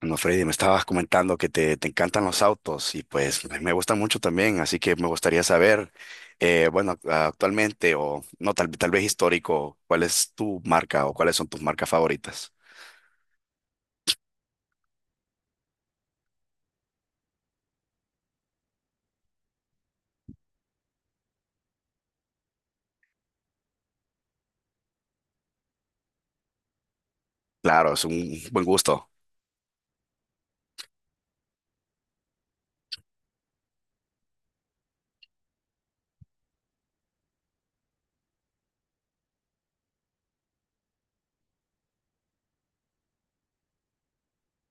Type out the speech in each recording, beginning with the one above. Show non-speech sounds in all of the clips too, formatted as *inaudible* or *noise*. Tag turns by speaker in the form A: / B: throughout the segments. A: No, Freddy, me estabas comentando que te encantan los autos y pues me gustan mucho también, así que me gustaría saber, bueno, actualmente o no, tal vez histórico, ¿cuál es tu marca o cuáles son tus marcas favoritas? Claro, es un buen gusto,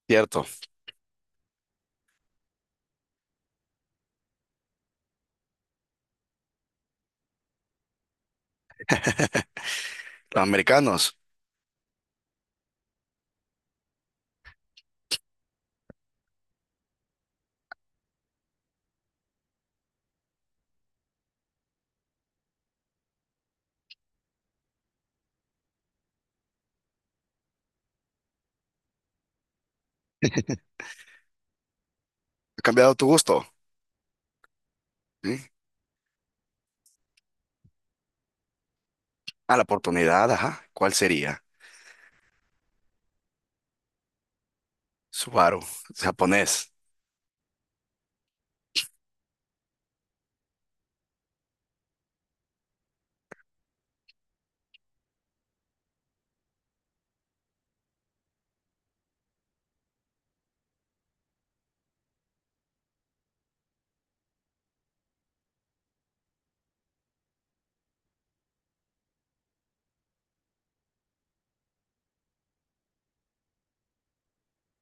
A: ¿cierto? Los americanos, ¿ha cambiado tu gusto? ¿Sí? A la oportunidad, ajá, ¿cuál sería? Subaru, japonés,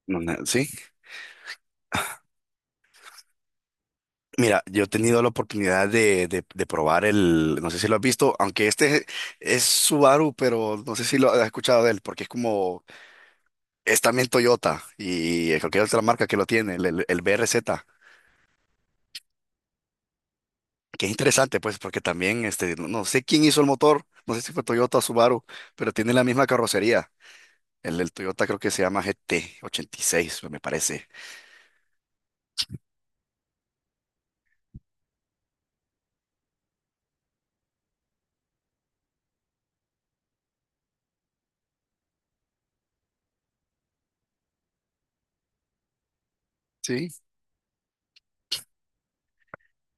A: ¿no? ¿Sí? Mira, yo he tenido la oportunidad de, de probar no sé si lo has visto, aunque este es Subaru, pero no sé si lo has escuchado de él, porque es como, es también Toyota y cualquier otra marca que lo tiene, el BRZ, que es interesante, pues, porque también, este, no sé quién hizo el motor, no sé si fue Toyota o Subaru, pero tiene la misma carrocería. El del Toyota creo que se llama GT86, me parece. Sí.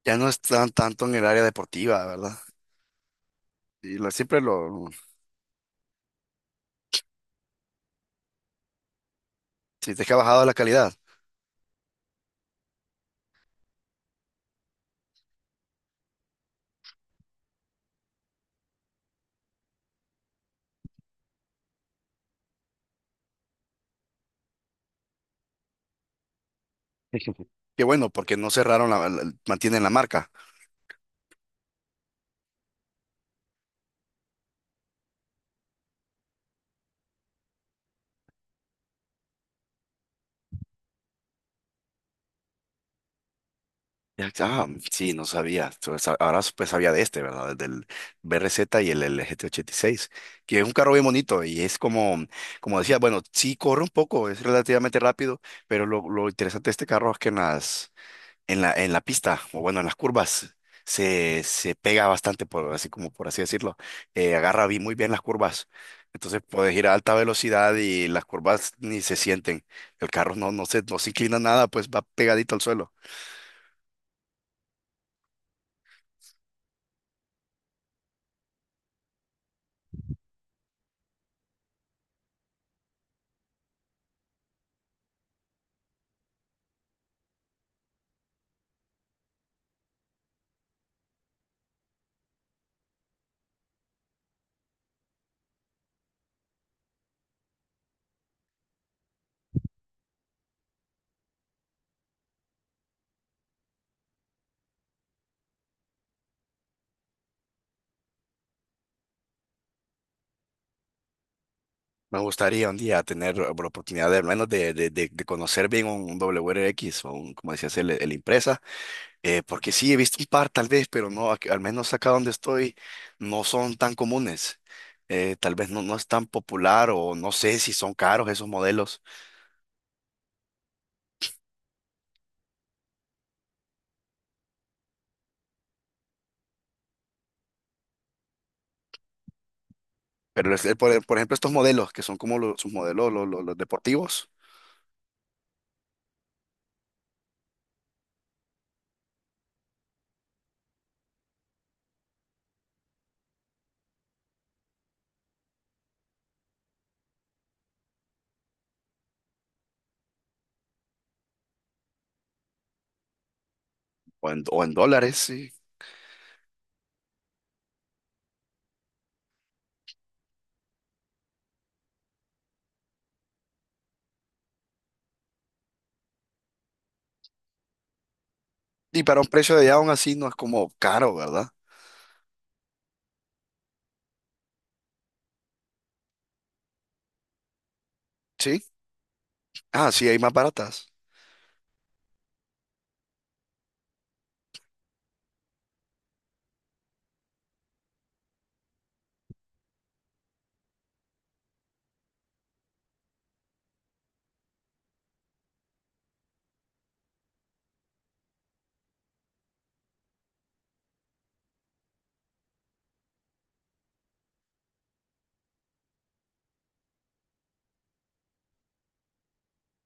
A: Ya no están tanto en el área deportiva, ¿verdad? Siempre lo, si te es que ha bajado la calidad. *laughs* Qué bueno, porque no cerraron la, mantienen la marca. Ya, ah, sí, no sabía. Entonces, ahora pues sabía de este, ¿verdad? Del BRZ y el GT86, que es un carro bien bonito y es como, como decía, bueno, sí corre un poco, es relativamente rápido, pero lo interesante de este carro es que en la pista, o bueno, en las curvas, se pega bastante, así como por así decirlo. Agarra muy bien las curvas. Entonces puedes ir a alta velocidad y las curvas ni se sienten. El carro no se inclina nada, pues va pegadito al suelo. Me gustaría un día tener la oportunidad de, al menos de, de conocer bien un W R X o como decías, el Impreza. Porque sí, he visto un par tal vez, pero no, al menos acá donde estoy no son tan comunes. Tal vez no es tan popular o no sé si son caros esos modelos. Pero por ejemplo, estos modelos que son como sus modelos, deportivos, o en dólares, sí. Y para un precio de allá aún así no es como caro, ¿verdad? Sí. Ah, sí, hay más baratas.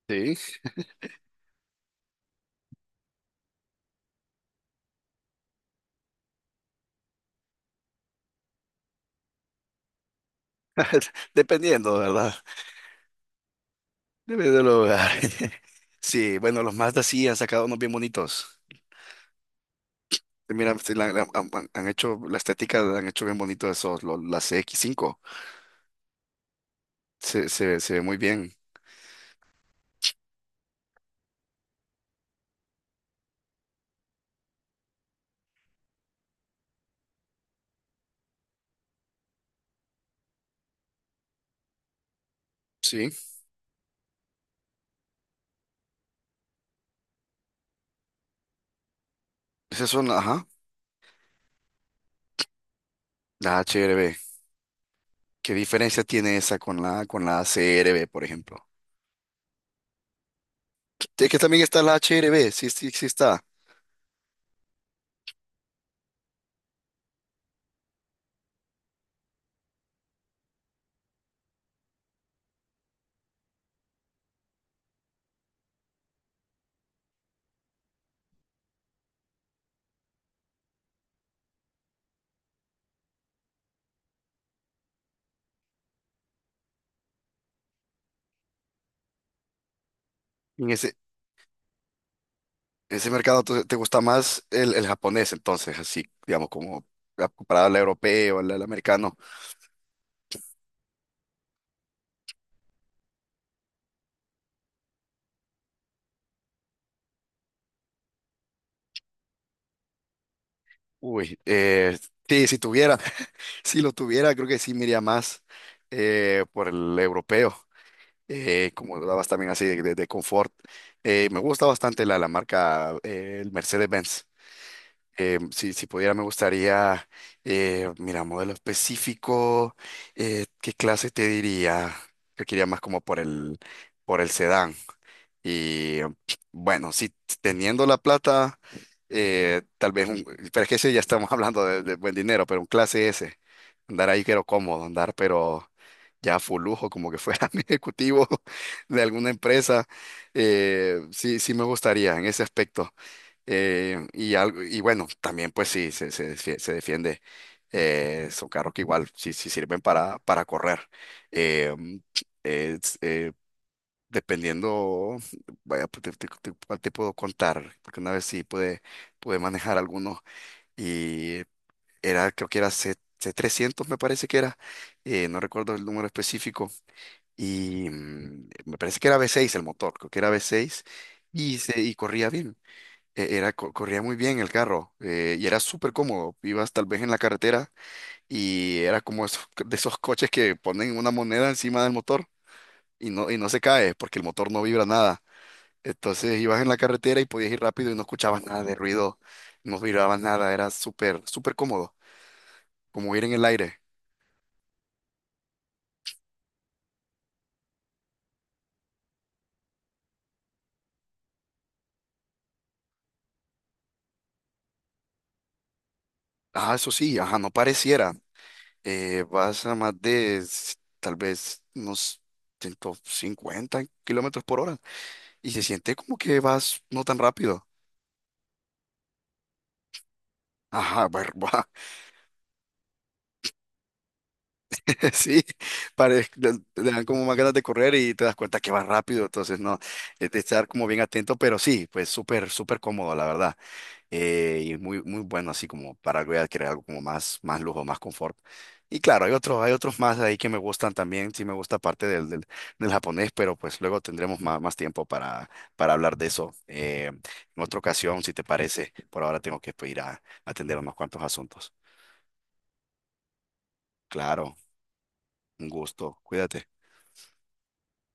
A: Sí. *laughs* Dependiendo, ¿verdad? Dependiendo del lugar. *laughs* Sí, bueno, los Mazda sí han sacado unos bien bonitos. Mira, sí, han hecho la estética, la han hecho bien bonito esos, las X5. Se ve muy bien. Sí, esas son, ajá, la HRB. ¿Qué diferencia tiene esa con la CRB, por ejemplo? Es que también está la HRB, sí, sí, sí está. En ese mercado entonces, te gusta más el japonés, entonces, así, digamos, como comparado al europeo, al americano. Uy, sí, si tuviera, *laughs* si lo tuviera, creo que sí me iría más, por el europeo. Como hablabas también así de, de confort. Me gusta bastante la marca, el Mercedes-Benz. Si, pudiera, me gustaría, mira, modelo específico, ¿qué clase te diría? Yo quería más como por por el sedán. Y bueno, sí, teniendo la plata, tal vez pero es que sí, ya estamos *laughs* hablando de buen dinero, pero un clase S, andar ahí quiero cómodo, andar pero ya full lujo, como que fuera *laughs* mi ejecutivo de alguna empresa, sí me gustaría en ese aspecto. Y algo, y bueno, también pues sí, se defiende. Son carros que igual sí sirven para correr. Eh, eh, Dependiendo, vaya, pues, cuál te puedo contar, porque una vez sí pude manejar algunos y era, creo que era C, 300 me parece que era, no recuerdo el número específico, y me parece que era V6 el motor, creo que era V6, y corría bien, era, corría muy bien el carro, y era súper cómodo, ibas tal vez en la carretera y era como *laughs* de esos coches que ponen una moneda encima del motor y no se cae porque el motor no vibra nada. Entonces ibas en la carretera y podías ir rápido y no escuchabas nada de ruido, no mirabas nada, era súper, súper cómodo, como ir en el aire. Ah, eso sí, ajá, no pareciera. Vas a más de tal vez unos 150 kilómetros por hora y se siente como que vas no tan rápido. Ajá, *laughs* *laughs* sí, te dan como más ganas de correr y te das cuenta que vas rápido, entonces no, es de estar como bien atento, pero sí, pues súper, súper cómodo, la verdad. Y es muy, muy bueno así como para algo ya crear algo como más lujo, más confort. Y claro, hay otros más ahí que me gustan también, sí me gusta parte del japonés, pero pues luego tendremos más tiempo para hablar de eso, en otra ocasión, si te parece. Por ahora tengo que pues, ir a atender unos cuantos asuntos. Claro, un gusto, cuídate.